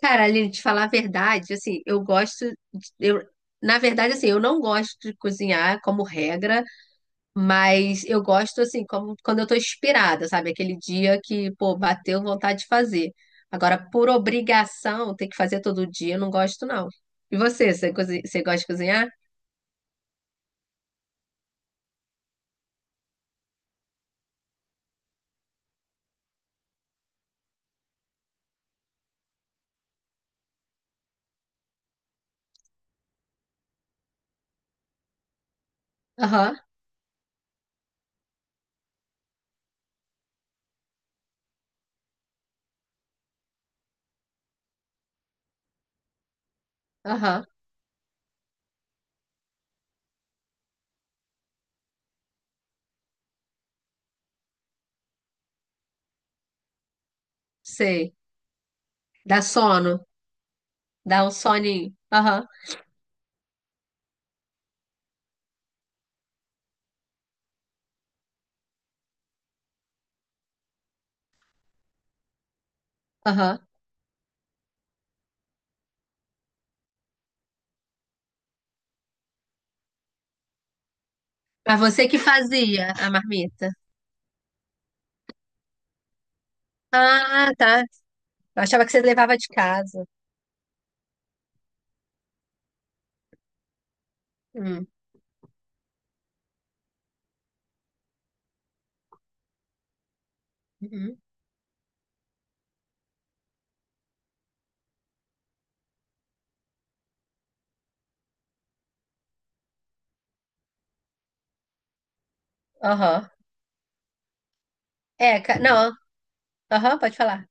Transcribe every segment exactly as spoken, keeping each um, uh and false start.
Cara, Aline, te falar a verdade, assim, eu gosto. de- Eu, na verdade, assim, eu não gosto de cozinhar como regra, mas eu gosto, assim, como, quando eu tô inspirada, sabe? Aquele dia que, pô, bateu vontade de fazer. Agora, por obrigação, ter que fazer todo dia, eu não gosto, não. E você, você, cozi- você gosta de cozinhar? Aham, aham, sei. Dá sono, dá um soninho. Aham, aham. Mas você que fazia a marmita? Ah, tá. Eu achava que você levava de casa. Hum. Uhum. Aham. É, ca- não, aham, pode falar.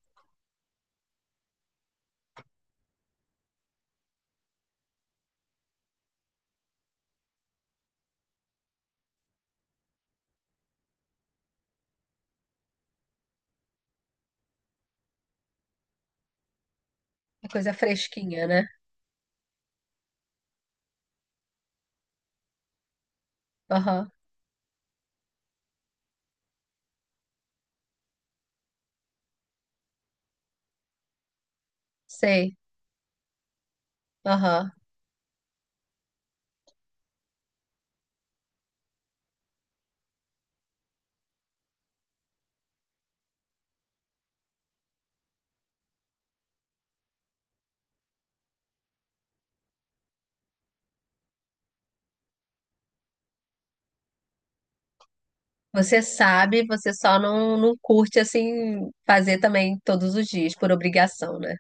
É coisa fresquinha, né? Aham, sei. Aham. Você sabe, você só não, não curte, assim, fazer também todos os dias, por obrigação, né?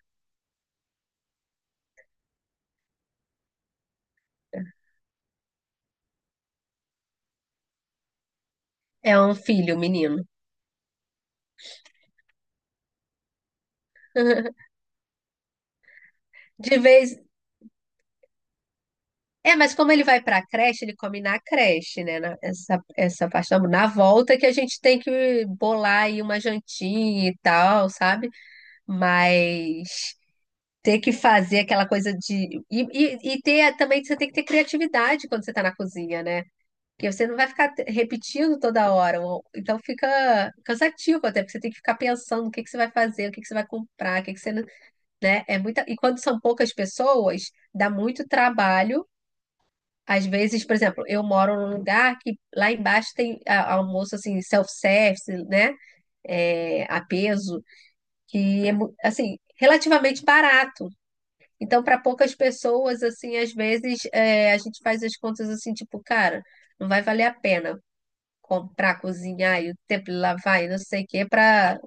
É um filho, menino. De vez. É, mas como ele vai pra creche, ele come na creche, né? Na- essa, essa parte da... Na volta que a gente tem que bolar aí uma jantinha e tal, sabe? Mas ter que fazer aquela coisa de. E, e, e ter também, você tem que ter criatividade quando você está na cozinha, né? Porque você não vai ficar te- repetindo toda hora. ou- Então fica cansativo até, porque você tem que ficar pensando o que que você vai fazer, o que que você vai comprar, o que que você. não- Né? É muita... E quando são poucas pessoas, dá muito trabalho. Às vezes, por exemplo, eu moro num lugar que lá embaixo tem a- almoço assim, self-service, né? É, a peso, que é mu- assim, relativamente barato. Então, para poucas pessoas, assim, às vezes é, a gente faz as contas assim, tipo, cara, não vai valer a pena comprar, cozinhar e o tempo de lavar e não sei o quê para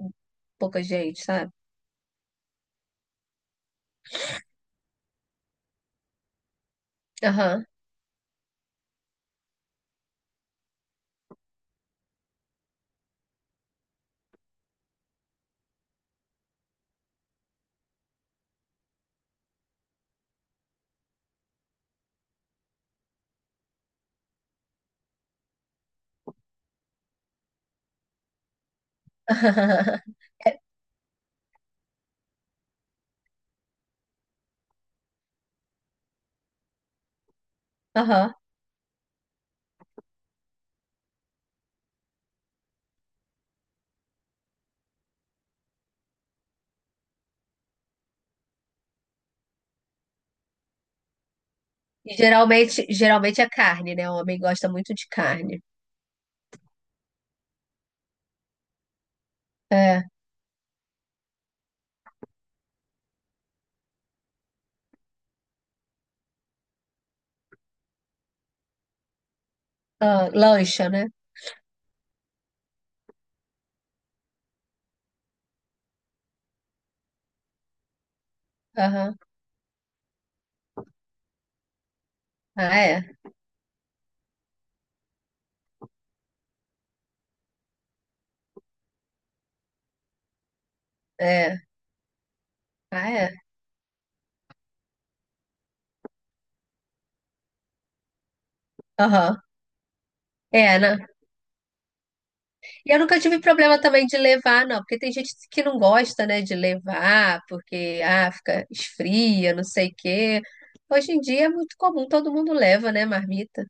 pouca gente, sabe? Aham. Aham. E geralmente, geralmente é carne, né? O homem gosta muito de carne. É. Ah, lancha, né? Aham. Ah, é. É. Ah, é. Aham. É, né? E eu nunca tive problema também de levar, não, porque tem gente que não gosta, né, de levar, porque ah, fica esfria, não sei o quê. Hoje em dia é muito comum, todo mundo leva, né, marmita.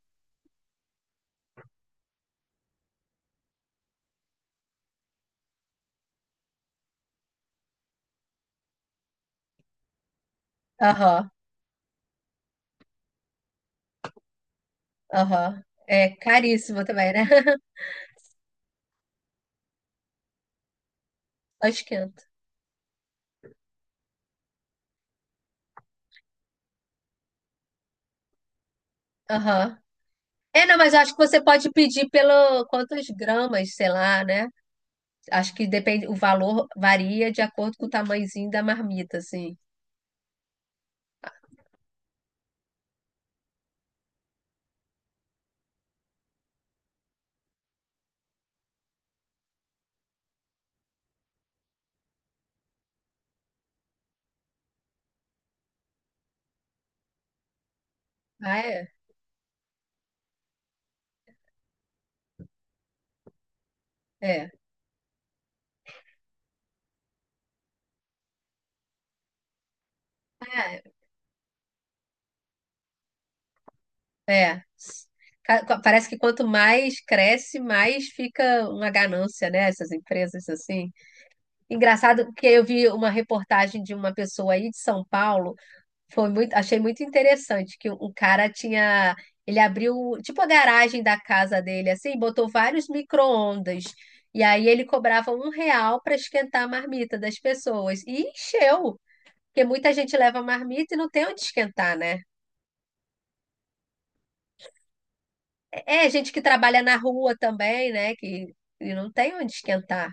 Aham, aham. É caríssimo também, né? Só esquenta. Aham. É, não, mas eu acho que você pode pedir pelo quantos gramas, sei lá, né? Acho que depende, o valor varia de acordo com o tamanhozinho da marmita, assim. Ah, é? É. Ah, é. É. Ca- ca- Parece que quanto mais cresce, mais fica uma ganância, né? Essas empresas assim. Engraçado que eu vi uma reportagem de uma pessoa aí de São Paulo, foi muito, achei muito interessante que o cara tinha, ele abriu tipo a garagem da casa dele assim, botou vários micro-ondas. E aí ele cobrava um real para esquentar a marmita das pessoas. E encheu, porque muita gente leva marmita e não tem onde esquentar, né? É, gente que trabalha na rua também, né? Que, que não tem onde esquentar.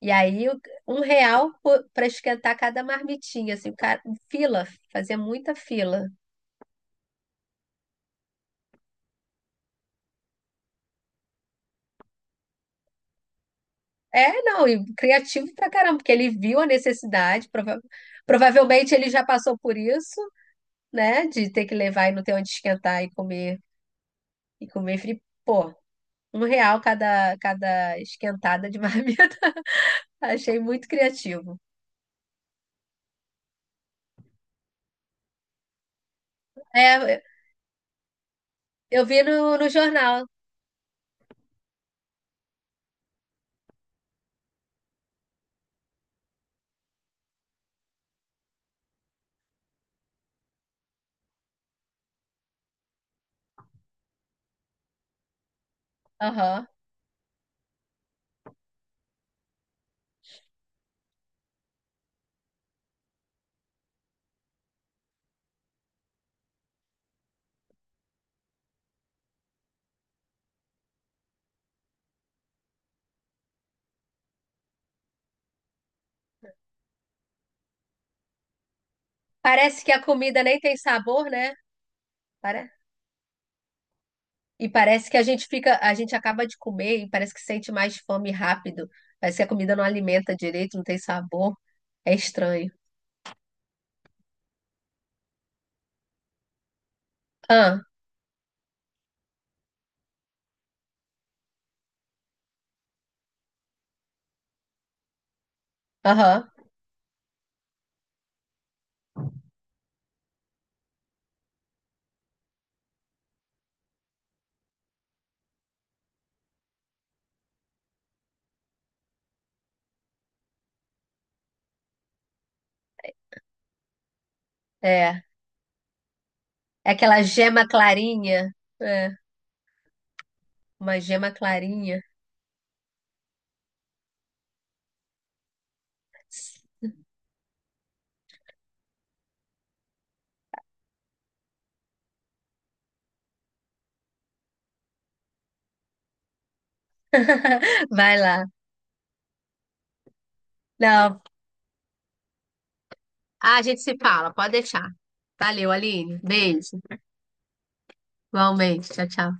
E aí, o- um real para esquentar cada marmitinha, assim, o cara, fila, fazia muita fila. É, não, e criativo pra caramba, porque ele viu a necessidade, prova- provavelmente ele já passou por isso, né? De ter que levar e não ter onde esquentar e comer, e comer frio. Pô, um real cada, cada esquentada de marmita. Achei muito criativo. É, eu vi no, no jornal. Aham. Parece que a comida nem tem sabor, né? Para- E parece que a gente fica, a gente acaba de comer e parece que sente mais fome rápido. Parece que a comida não alimenta direito, não tem sabor. É estranho. Ah, aham, é. É aquela gema clarinha. É, uma gema clarinha. Vai lá. Não. Ah, a gente se fala, pode deixar. Valeu, Aline. Beijo. Igualmente. Tchau, tchau.